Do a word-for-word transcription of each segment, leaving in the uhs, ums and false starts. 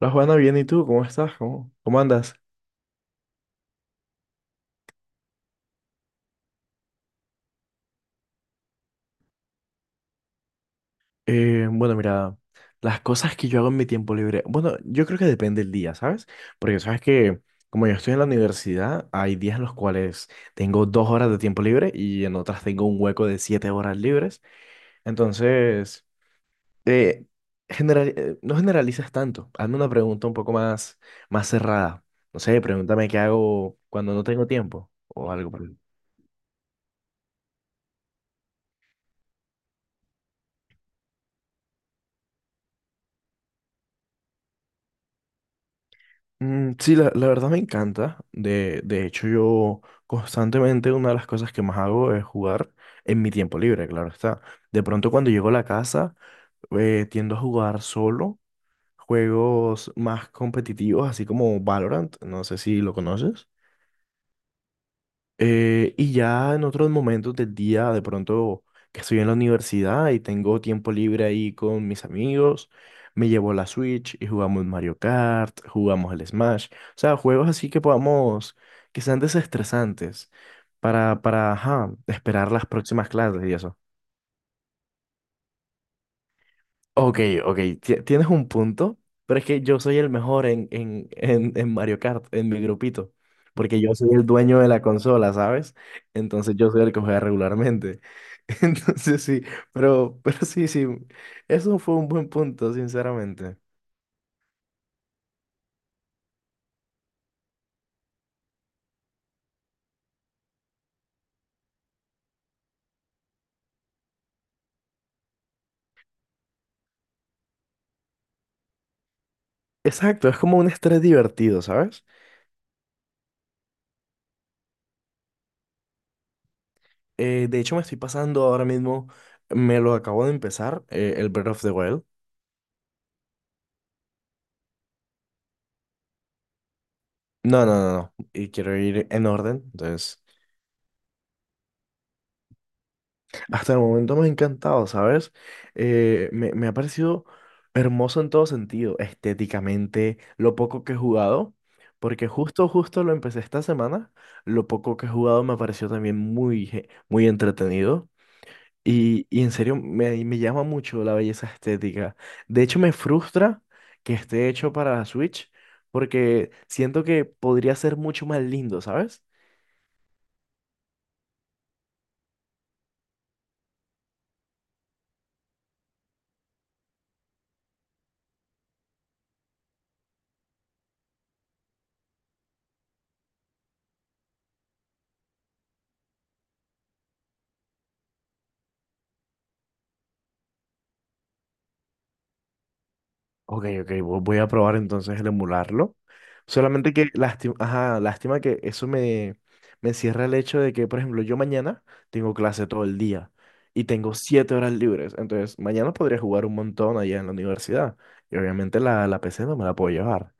Hola Juana, bien, ¿y tú? ¿Cómo estás? ¿Cómo, cómo andas? Eh, bueno, mira, las cosas que yo hago en mi tiempo libre, bueno, yo creo que depende del día, ¿sabes? Porque sabes que como yo estoy en la universidad, hay días en los cuales tengo dos horas de tiempo libre y en otras tengo un hueco de siete horas libres. Entonces, eh, general, eh, no generalizas tanto. Hazme una pregunta un poco más, más cerrada. No sé, pregúntame qué hago cuando no tengo tiempo o algo. Mm, sí, la, la verdad me encanta. De, de hecho, yo constantemente una de las cosas que más hago es jugar en mi tiempo libre, claro está. De pronto cuando llego a la casa, eh, tiendo a jugar solo juegos más competitivos, así como Valorant, no sé si lo conoces. Eh, y ya en otros momentos del día, de pronto que estoy en la universidad y tengo tiempo libre ahí con mis amigos, me llevo la Switch y jugamos Mario Kart, jugamos el Smash, o sea, juegos así que podamos, que sean desestresantes para, para, ajá, esperar las próximas clases y eso. Ok, ok, ti- tienes un punto, pero es que yo soy el mejor en, en, en, en Mario Kart, en mi grupito, porque yo soy el dueño de la consola, ¿sabes? Entonces yo soy el que juega regularmente. Entonces sí, pero, pero sí, sí, eso fue un buen punto, sinceramente. Exacto, es como un estrés divertido, ¿sabes? Eh, de hecho, me estoy pasando ahora mismo, me lo acabo de empezar, eh, el Breath of the Wild. No, no, no, no, y quiero ir en orden, entonces... Hasta el momento me ha encantado, ¿sabes? Eh, me, me ha parecido hermoso en todo sentido, estéticamente, lo poco que he jugado, porque justo, justo lo empecé esta semana, lo poco que he jugado me pareció también muy, ge- muy entretenido y, y en serio me, me llama mucho la belleza estética. De hecho, me frustra que esté hecho para Switch, porque siento que podría ser mucho más lindo, ¿sabes? Ok, ok, vo- voy a probar entonces el emularlo. Solamente que lástima, ajá, lástima que eso me, me cierra el hecho de que, por ejemplo, yo mañana tengo clase todo el día y tengo siete horas libres. Entonces, mañana podría jugar un montón allá en la universidad. Y obviamente la, la P C no me la puedo llevar.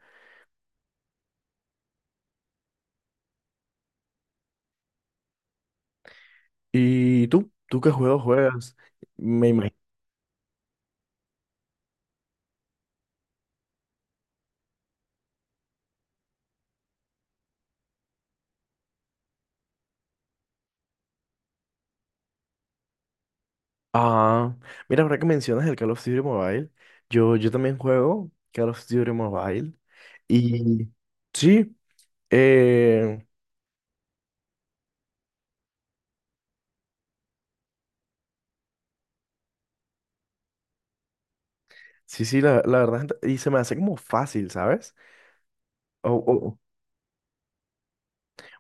¿Y tú? ¿Tú qué juegos juegas? Me imagino. Ah, mira, ahora que mencionas el Call of Duty Mobile, yo, yo también juego Call of Duty Mobile. Y sí. eh, Sí, sí, la, la verdad, ent- y se me hace como fácil, ¿sabes? O, o-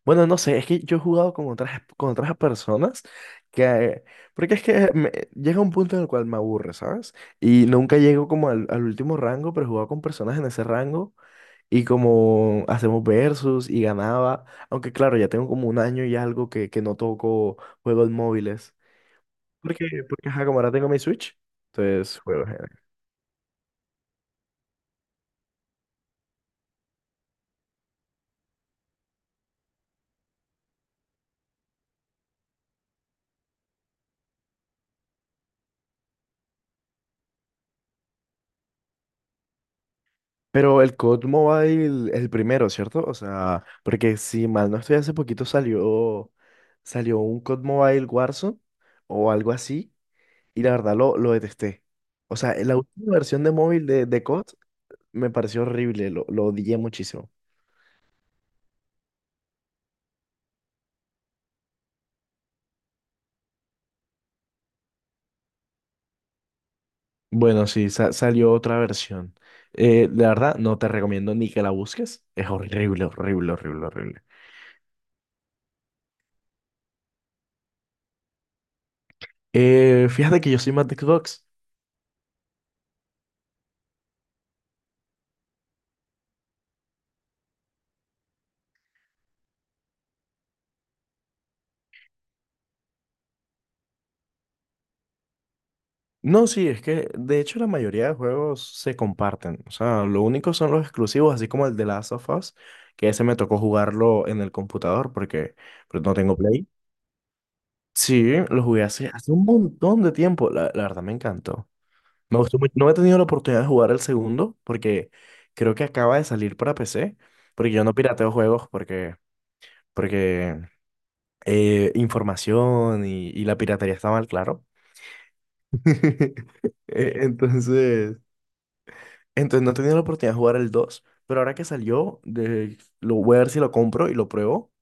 bueno, no sé, es que yo he jugado con otras, con otras personas que, porque es que me- llega un punto en el cual me aburre, ¿sabes? Y nunca llego como al, al último rango, pero he jugado con personas en ese rango y como hacemos versus y ganaba, aunque claro, ya tengo como un año y algo que, que no toco juegos móviles, porque, porque ajá, como ahora tengo mi Switch, entonces juego. Pero el COD Mobile es el primero, ¿cierto? O sea, porque si mal no estoy, hace poquito salió, salió un COD Mobile Warzone o algo así, y la verdad lo, lo detesté. O sea, la última versión de móvil de, de COD me pareció horrible, lo, lo odié muchísimo. Bueno, sí, sa- salió otra versión. Eh, la verdad, no te recomiendo ni que la busques. Es horrible, horrible, horrible, horrible. Eh, fíjate que yo soy más de Xbox. No, sí, es que de hecho la mayoría de juegos se comparten. O sea, lo único son los exclusivos, así como el de Last of Us, que ese me tocó jugarlo en el computador porque pues, no tengo Play. Sí, lo jugué hace, hace un montón de tiempo. La, la verdad me encantó. Me gustó mucho. No he tenido la oportunidad de jugar el segundo porque creo que acaba de salir para P C. Porque Yo no pirateo juegos porque, porque eh, información y, y la piratería está mal, claro. Eh, Entonces. Entonces no he tenido la oportunidad de jugar el dos pero ahora que salió, de, lo voy a ver si lo compro y lo pruebo.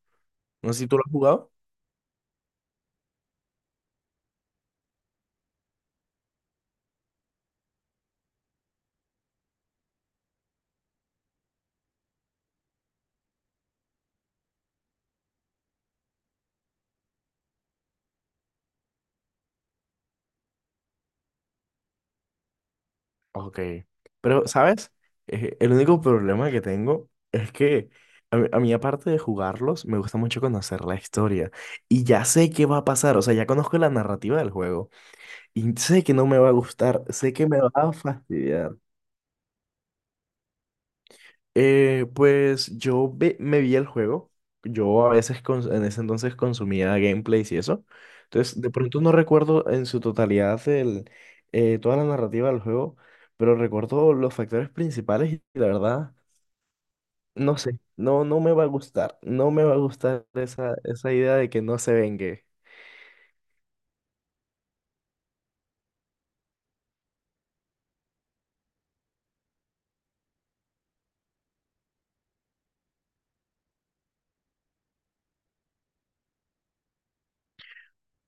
No sé si tú lo has jugado. Ok. Pero, ¿sabes? Eh, el único problema que tengo es que a mí, a mí, aparte de jugarlos, me gusta mucho conocer la historia. Y ya sé qué va a pasar, o sea, ya conozco la narrativa del juego. Y sé que no me va a gustar, sé que me va a fastidiar. Eh, pues yo ve- me vi el juego. Yo a veces cons- en ese entonces consumía gameplays y eso. Entonces, de pronto no recuerdo en su totalidad el, eh, toda la narrativa del juego, pero recuerdo los factores principales y la verdad, no sé, no, no me va a gustar. No me va a gustar esa, esa idea de que no se vengue.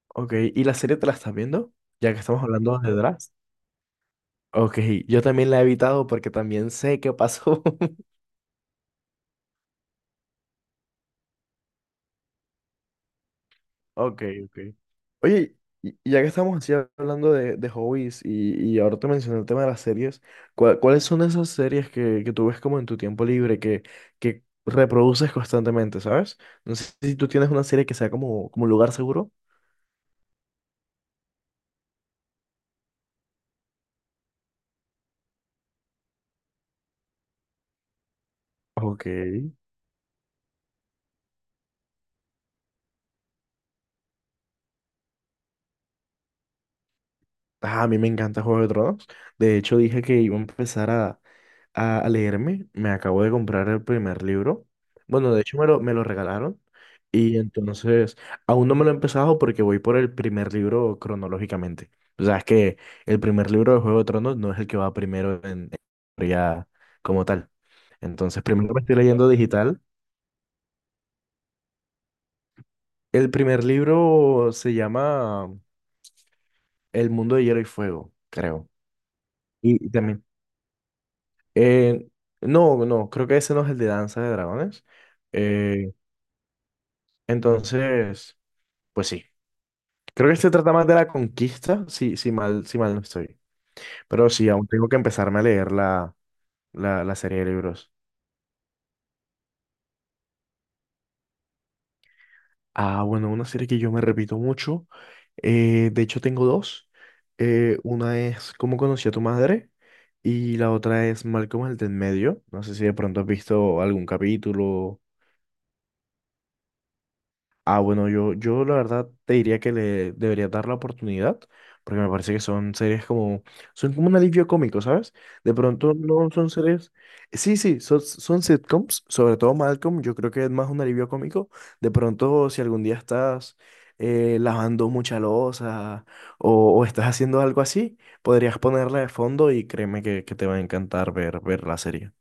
Ok, ¿y la serie te la estás viendo? Ya que estamos hablando de Drax. Ok, yo también la he evitado porque también sé qué pasó. Ok, ok. Oye, y y ya que estamos así hablando de, de hobbies y, y ahora te mencioné el tema de las series, ¿cuál- ¿cuáles son esas series que, que tú ves como en tu tiempo libre, que, que reproduces constantemente, ¿sabes? No sé si tú tienes una serie que sea como, como lugar seguro. Ok. Ah, a mí me encanta Juego de Tronos. De hecho, dije que iba a empezar a, a leerme. Me acabo de comprar el primer libro. Bueno, de hecho me lo, me lo regalaron. Y entonces, aún no me lo he empezado porque voy por el primer libro cronológicamente. O sea, es que el primer libro de Juego de Tronos no es el que va primero en en historia como tal. Entonces, primero me estoy leyendo digital. El primer libro se llama El mundo de hielo y fuego, creo. Y también Eh, no, no, creo que ese no es el de Danza de Dragones. Eh, entonces, pues sí. Creo que este trata más de la conquista, si, si mal, si mal no estoy. Pero sí, aún tengo que empezarme a leer la, la, la serie de libros. Ah, bueno, una serie que yo me repito mucho. eh, de hecho, tengo dos. Eh, una es ¿Cómo conocí a tu madre? Y la otra es Malcolm el de en medio. No sé si de pronto has visto algún capítulo. Ah, bueno, yo, yo la verdad te diría que le debería dar la oportunidad, porque me parece que son series como, son como un alivio cómico, ¿sabes? De pronto no son series, sí, sí, son, son sitcoms, sobre todo Malcolm, yo creo que es más un alivio cómico. De pronto si algún día estás eh, lavando mucha loza o, o estás haciendo algo así, podrías ponerla de fondo y créeme que, que te va a encantar ver, ver la serie.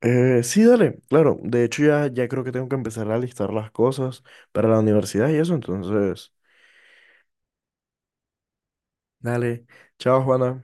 Eh, sí, dale, claro. De hecho, ya, ya creo que tengo que empezar a listar las cosas para la universidad y eso. Entonces, dale. Chao, Juana.